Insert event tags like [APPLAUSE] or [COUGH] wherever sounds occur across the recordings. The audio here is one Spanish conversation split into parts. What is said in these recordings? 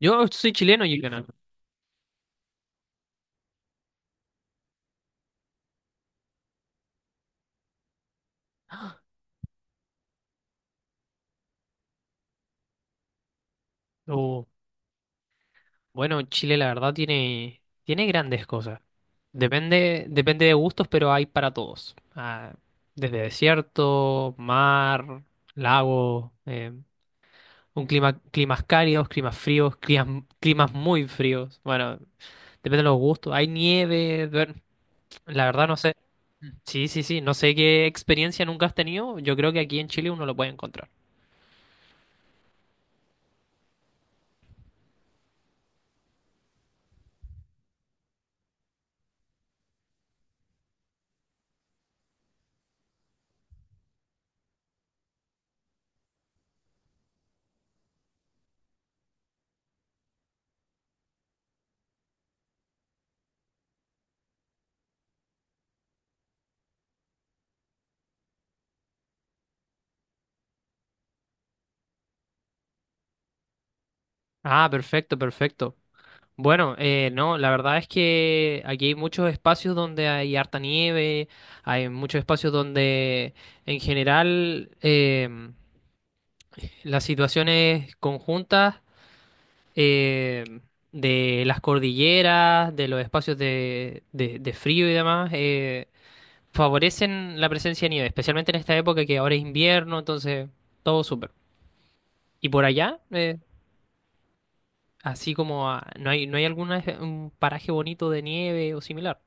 Yo soy chileno y canal. Uh, bueno, Chile la verdad tiene grandes cosas. Depende de gustos, pero hay para todos. Desde desierto, mar, lago, un climas cálidos, climas fríos, climas muy fríos. Bueno, depende de los gustos. Hay nieve, la verdad no sé. Sí, sí, sí, no sé qué experiencia nunca has tenido. Yo creo que aquí en Chile uno lo puede encontrar. Ah, perfecto, perfecto. Bueno, no, la verdad es que aquí hay muchos espacios donde hay harta nieve, hay muchos espacios donde en general las situaciones conjuntas em, de las cordilleras, de los espacios de frío y demás, favorecen la presencia de nieve, especialmente en esta época que ahora es invierno, entonces todo súper. ¿Y por allá? Así como no hay, no hay algún paraje bonito de nieve o similar.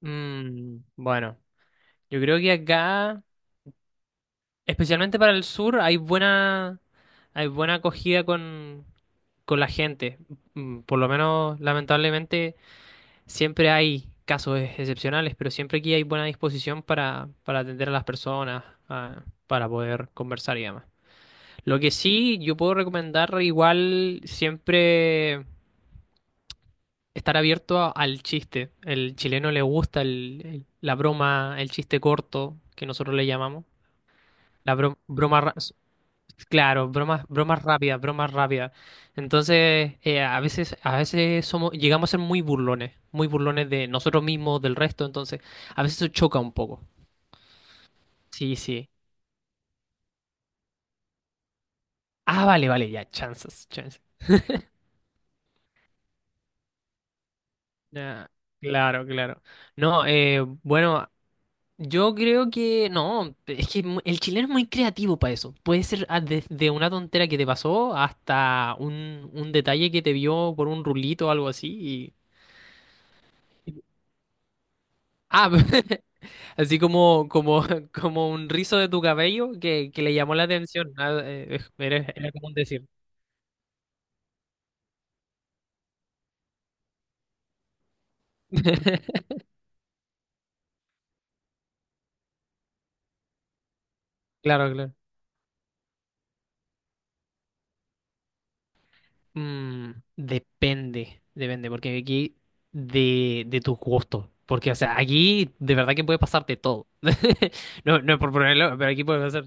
Bueno, yo creo que acá, especialmente para el sur, hay buena acogida con la gente. Por lo menos, lamentablemente, siempre hay casos excepcionales, pero siempre aquí hay buena disposición para atender a las personas, para poder conversar y demás. Lo que sí, yo puedo recomendar igual siempre estar abierto al chiste. El chileno le gusta la broma, el chiste corto, que nosotros le llamamos. La broma, claro, bromas, bromas rápidas, bromas rápidas. Entonces, a veces somos, llegamos a ser muy burlones de nosotros mismos, del resto, entonces, a veces eso choca un poco. Sí, sí. Ah, vale, vale, ya, chances, chances. Ya, claro, claro. No, bueno, yo creo que no, es que el chileno es muy creativo para eso. Puede ser ah, desde una tontera que te pasó hasta un detalle que te vio por un rulito o algo así. Ah, [LAUGHS] así como, como, [LAUGHS] como un rizo de tu cabello que le llamó la atención. Ah, era, era como un decir. [LAUGHS] Claro, claro. Mm, depende, depende, porque aquí de tus gustos. Porque, o sea, aquí de verdad que puede pasarte todo. [LAUGHS] No, no es por ponerlo, pero aquí puede pasar.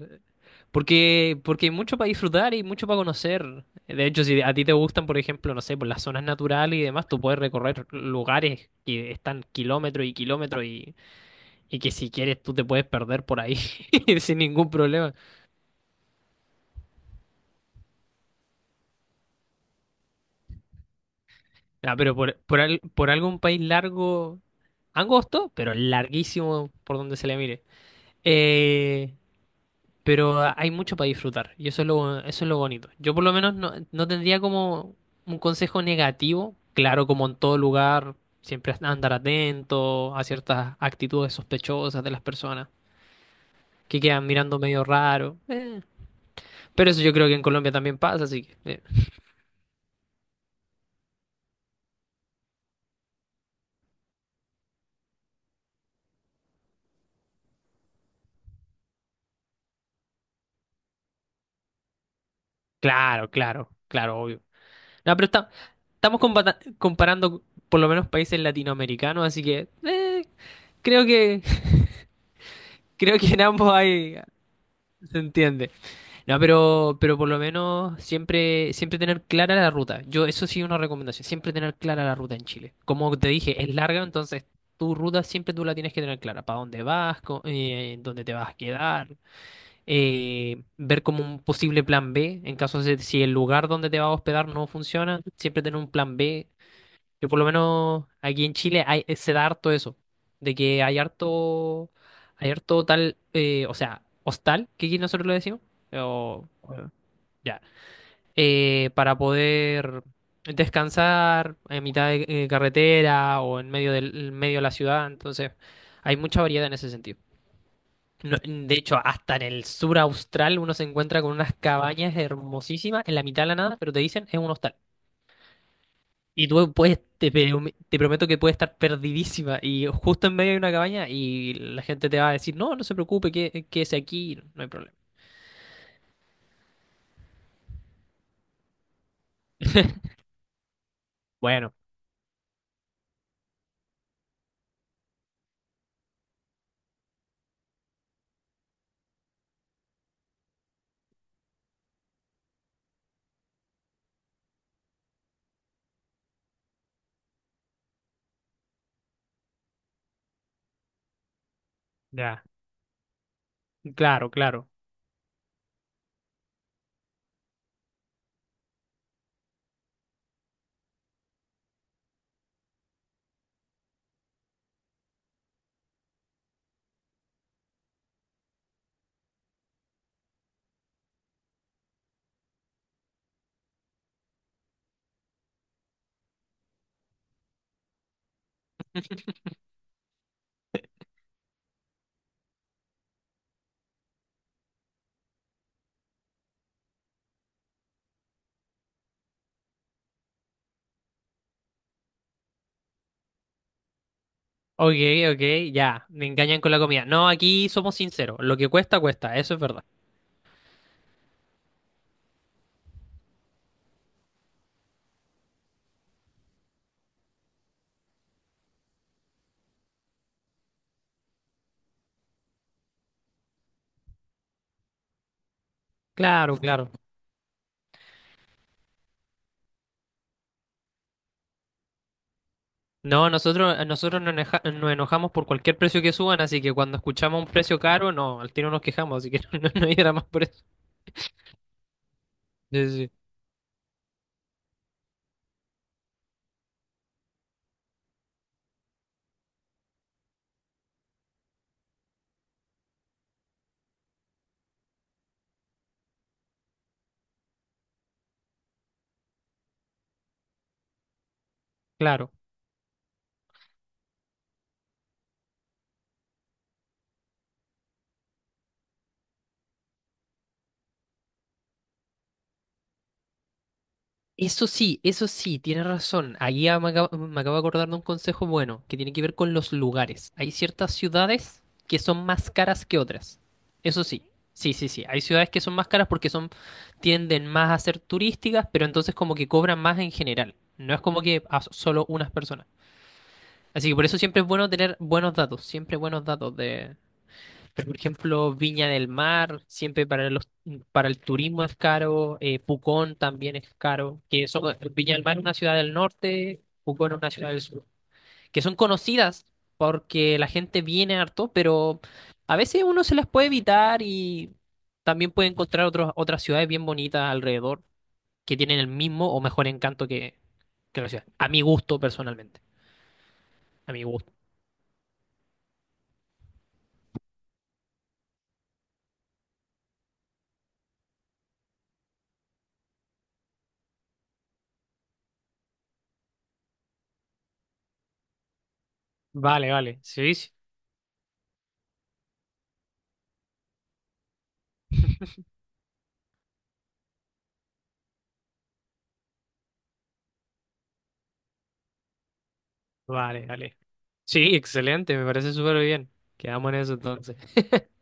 Porque, porque hay mucho para disfrutar y mucho para conocer. De hecho, si a ti te gustan, por ejemplo, no sé, por las zonas naturales y demás, tú puedes recorrer lugares que están kilómetros y kilómetros y que si quieres tú te puedes perder por ahí [LAUGHS] sin ningún problema. Ah, pero por algo país largo, angosto, pero larguísimo por donde se le mire. Eh, pero hay mucho para disfrutar y eso es lo bonito. Yo por lo menos no, no tendría como un consejo negativo. Claro, como en todo lugar, siempre andar atento a ciertas actitudes sospechosas de las personas que quedan mirando medio raro. Eh. Pero eso yo creo que en Colombia también pasa, así que... claro, claro, claro, obvio. No, pero estamos comparando por lo menos países latinoamericanos, así que creo que [LAUGHS] creo que en ambos hay se entiende. No, pero por lo menos siempre tener clara la ruta. Yo eso sí una recomendación, siempre tener clara la ruta en Chile. Como te dije, es larga, entonces tu ruta siempre tú la tienes que tener clara, para dónde vas, dónde te vas a quedar, ver como un posible plan B en caso de si el lugar donde te vas a hospedar no funciona, siempre tener un plan B que por lo menos aquí en Chile hay, se da harto eso, de que hay harto tal, o sea, hostal, que aquí nosotros lo decimos, o, eh, ya, para poder descansar en mitad de carretera o en medio de la ciudad, entonces hay mucha variedad en ese sentido. No, de hecho, hasta en el sur austral uno se encuentra con unas cabañas hermosísimas en la mitad de la nada, pero te dicen es un hostal. Y tú puedes, te prometo que puedes estar perdidísima y justo en medio de una cabaña y la gente te va a decir, no, no se preocupe, que, quédese aquí, no hay problema. [LAUGHS] Bueno, ya, claro, claro. Ok, ok, ya, me engañan con la comida. No, aquí somos sinceros, lo que cuesta, cuesta, eso es verdad. Claro, claro. No, nosotros nos enojamos por cualquier precio que suban, así que cuando escuchamos un precio caro, no, al tiro nos quejamos, así que [LAUGHS] no, no hay drama por eso. Sí, sí, sí, claro. Eso sí, tienes razón. Ahí ya me acabo de acordar de un consejo bueno, que tiene que ver con los lugares. Hay ciertas ciudades que son más caras que otras. Eso sí, sí, sí, sí. Hay ciudades que son más caras porque son, tienden más a ser turísticas, pero entonces como que cobran más en general. No es como que a solo unas personas. Así que por eso siempre es bueno tener buenos datos, siempre buenos datos de pero, por ejemplo, Viña del Mar, siempre para los para el turismo es caro, Pucón también es caro, que son, Viña del Mar es una ciudad del norte, Pucón es una ciudad del sur, que son conocidas porque la gente viene harto, pero a veces uno se las puede evitar y también puede encontrar otras ciudades bien bonitas alrededor que tienen el mismo o mejor encanto que la ciudad. A mi gusto, personalmente. A mi gusto. Vale, vale. Sí, sí. Vale, vale. Sí, excelente, me parece súper bien. Quedamos en eso entonces. [LAUGHS]